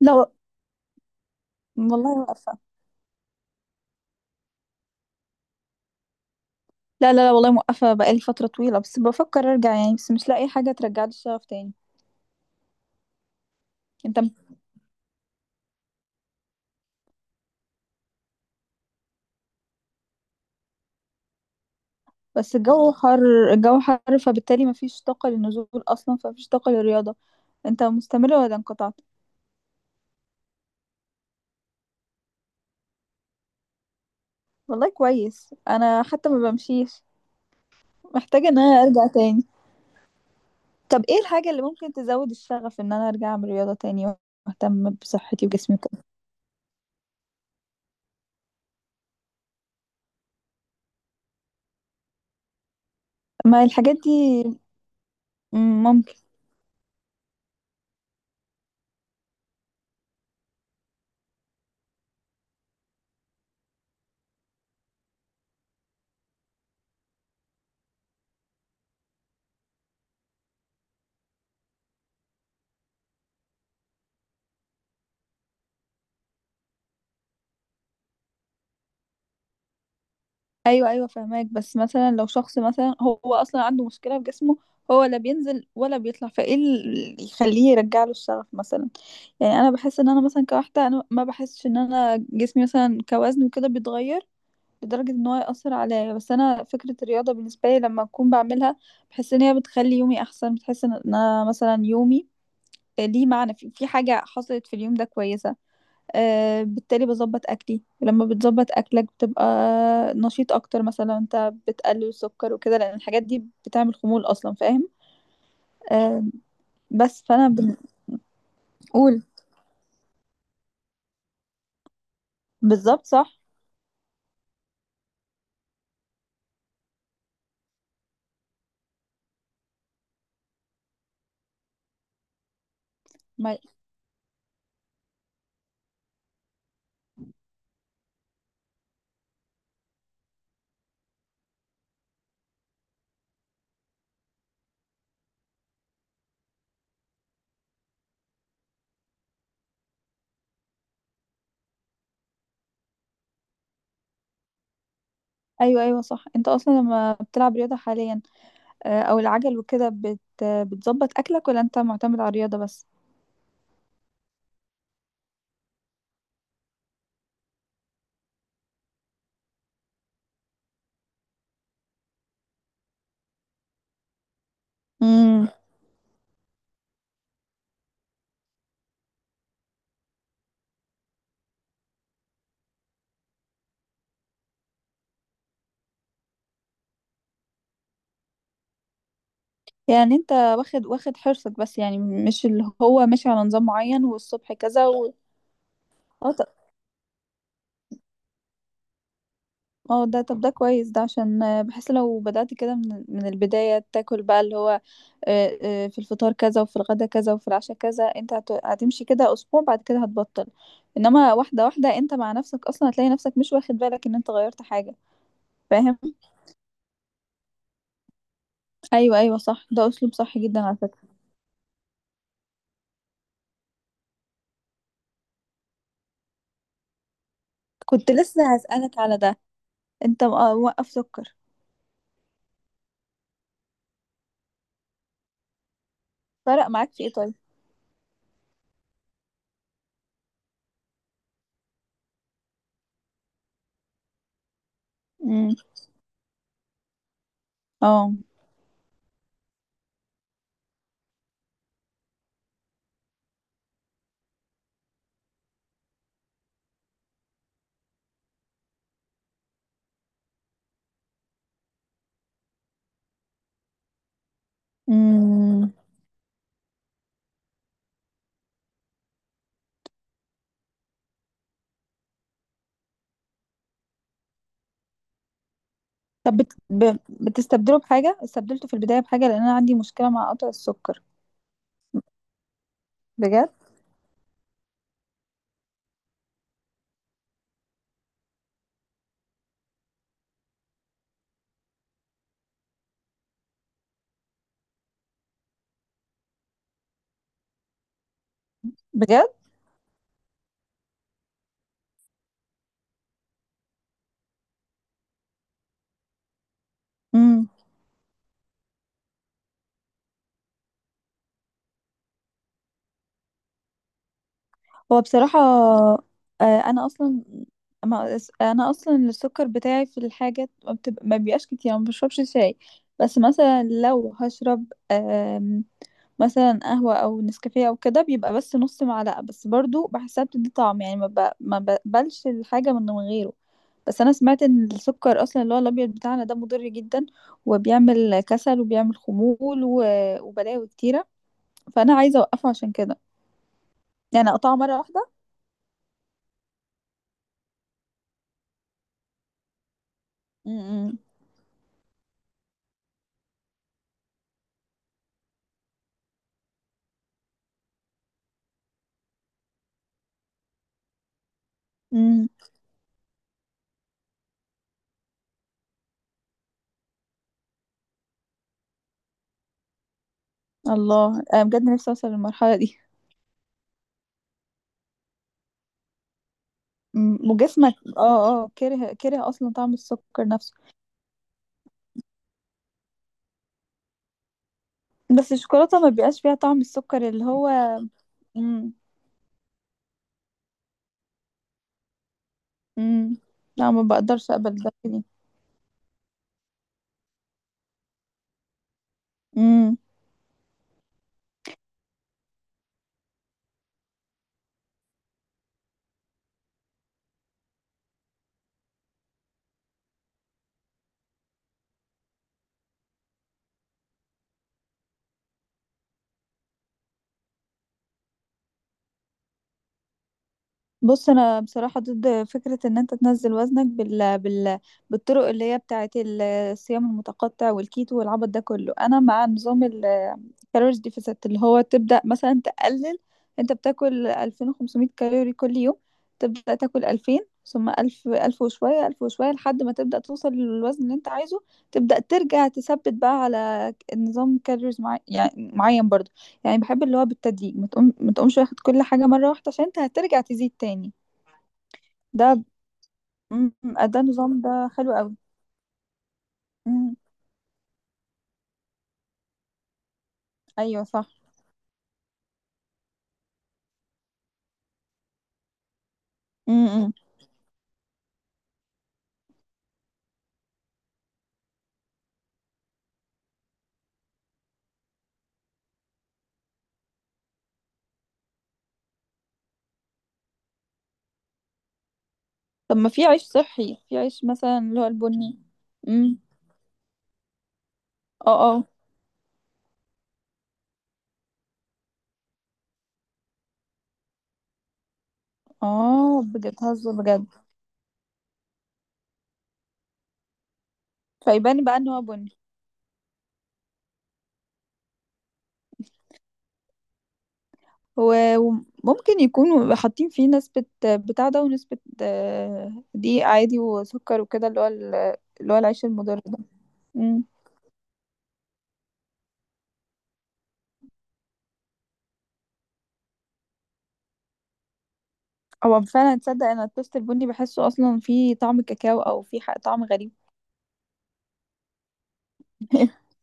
لا والله موقفة. لا، لا، لا، والله موقفة بقالي فترة طويلة، بس بفكر ارجع يعني، بس مش لاقي حاجة ترجعلي الشغف تاني. انت م- بس الجو حر، الجو حر، فبالتالي مفيش طاقة للنزول اصلا، فمفيش طاقة للرياضة. انت مستمرة ولا انقطعت؟ والله كويس، انا حتى ما بمشيش، محتاجة ان انا ارجع تاني. طب ايه الحاجة اللي ممكن تزود الشغف ان انا ارجع اعمل رياضة تاني واهتم بصحتي وجسمي وكده؟ ما الحاجات دي. ممكن. ايوه، ايوه، فهماك. بس مثلا لو شخص مثلا هو اصلا عنده مشكله في جسمه، هو لا بينزل ولا بيطلع، فايه اللي يخليه يرجع له الشغف مثلا؟ يعني انا بحس ان انا مثلا كواحده، انا ما بحسش ان انا جسمي مثلا كوزن وكده بيتغير لدرجه ان هو ياثر عليا، بس انا فكره الرياضه بالنسبه لي لما اكون بعملها، بحس ان هي بتخلي يومي احسن، بتحس ان انا مثلا يومي ليه معنى، في حاجه حصلت في اليوم ده كويسه. آه، بالتالي بظبط اكلي، ولما بتظبط اكلك بتبقى نشيط اكتر، مثلا لو انت بتقلل السكر وكده، لان الحاجات دي بتعمل خمول اصلا. فاهم؟ آه. بس فانا. بنقول. بالظبط، صح. ما... ايوه، ايوه، صح. انت اصلا لما بتلعب رياضه حاليا آه، او العجل وكده، بتظبط اكلك ولا انت معتمد على الرياضه بس؟ امم. يعني انت واخد، واخد حرصك، بس يعني مش اللي هو ماشي على نظام معين والصبح كذا و... اه، اه، ده، طب ده كويس، ده عشان بحس لو بدأت كده من البداية تاكل بقى اللي هو في الفطار كذا، وفي الغدا كذا، وفي العشاء كذا، انت هتمشي كده اسبوع، بعد كده هتبطل. انما واحدة واحدة انت مع نفسك، اصلا هتلاقي نفسك مش واخد بالك ان انت غيرت حاجة. فاهم. ايوه، ايوه، صح، ده اسلوب صح جدا على فكرة. كنت لسه هسألك على ده. انت موقف سكر؟ فرق معاك في ايه طيب؟ امم. اه. امم. طب بتستبدله بحاجة؟ استبدلته في البداية بحاجة لأن أنا عندي مشكلة مع قطع السكر. بجد. بجد. امم. هو بصراحة انا اصلا، ما انا اصلا السكر بتاعي في الحاجات ما, بتبقى ما بيبقاش كتير، ما بشربش شاي. بس مثلا لو هشرب آم، مثلا قهوة او نسكافيه او كده، بيبقى بس نص معلقة، بس برضو بحسها بتدي طعم يعني، ما بقبلش الحاجة من غيره. بس انا سمعت ان السكر اصلا اللي هو الابيض بتاعنا ده مضر جدا، وبيعمل كسل وبيعمل خمول و... وبلاوي كتيرة. فانا عايزة اوقفه عشان كده، يعني اقطعه مرة واحدة. امم. امم. الله، انا بجد نفسي اوصل للمرحلة دي. وجسمك كره كره اصلا طعم السكر نفسه. بس الشوكولاتة ما بيبقاش فيها طعم السكر اللي هو. امم. امم. لا، ما بقدرش اقبل ده دي. امم. بص، انا بصراحه ضد فكره ان انت تنزل وزنك بالطرق اللي هي بتاعه الصيام المتقطع والكيتو والعبط ده كله، انا مع نظام الكالوريز ديفيسيت اللي هو تبدا مثلا تقلل. انت بتاكل 2500 كالوري كل يوم، تبدا تاكل 2000، ثم 1000، 1000 وشويه، 1000 وشويه، لحد ما تبدا توصل للوزن اللي انت عايزه. تبدا ترجع تثبت بقى على نظام كالوريز معين، يعني معين برضه. يعني بحب اللي هو بالتدريج، ما تقومش واخد كل حاجة مرة واحدة، عشان انت هترجع تزيد تاني. ده. امم. ده نظام، ده حلو قوي. امم. ايوه، صح. امم. طب ما في عيش صحي، في عيش مثلا اللي هو البني. امم. اه. اه. اه، بجد هزه بجد. فيبان بقى ان هو بني. وممكن يكونوا حاطين فيه نسبة بتاع ده ونسبة دقيق عادي وسكر وكده، اللي هو اللي هو العيش المضر. ده. هو فعلا، تصدق انا التوست البني بحسه اصلا فيه طعم كاكاو او فيه طعم غريب.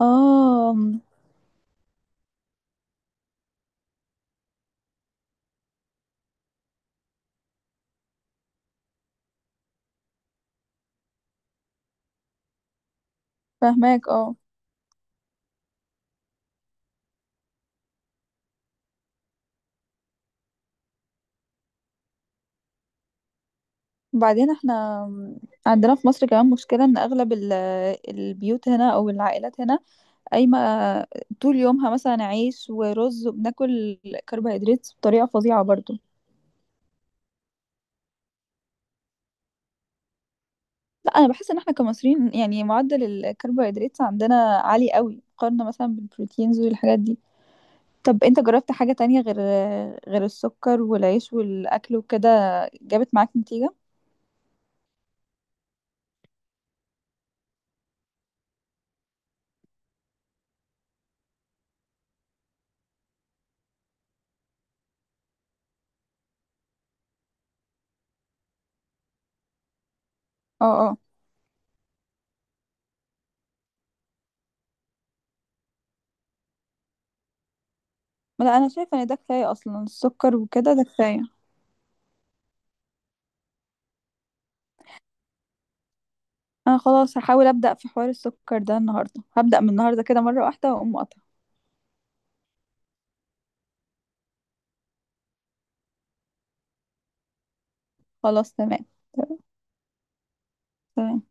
اه. فاهماك، اه. وبعدين احنا عندنا في مصر كمان مشكلة، ان اغلب البيوت هنا او العائلات هنا، قايمة طول يومها مثلا عيش ورز، وبناكل كربوهيدرات بطريقة فظيعة برضو. لا، انا بحس ان احنا كمصريين يعني معدل الكربوهيدرات عندنا عالي قوي، مقارنة مثلا بالبروتينز والحاجات دي. طب انت جربت حاجة تانية غير، غير السكر والعيش والأكل وكده، جابت معاك نتيجة؟ اه، اه. لا، أنا شايفة إن ده كفاية، أصلا السكر وكده ده كفاية. أنا خلاص هحاول أبدأ في حوار السكر ده النهاردة، هبدأ من النهاردة كده مرة واحدة وأقوم قاطعة. خلاص، تمام. تمام.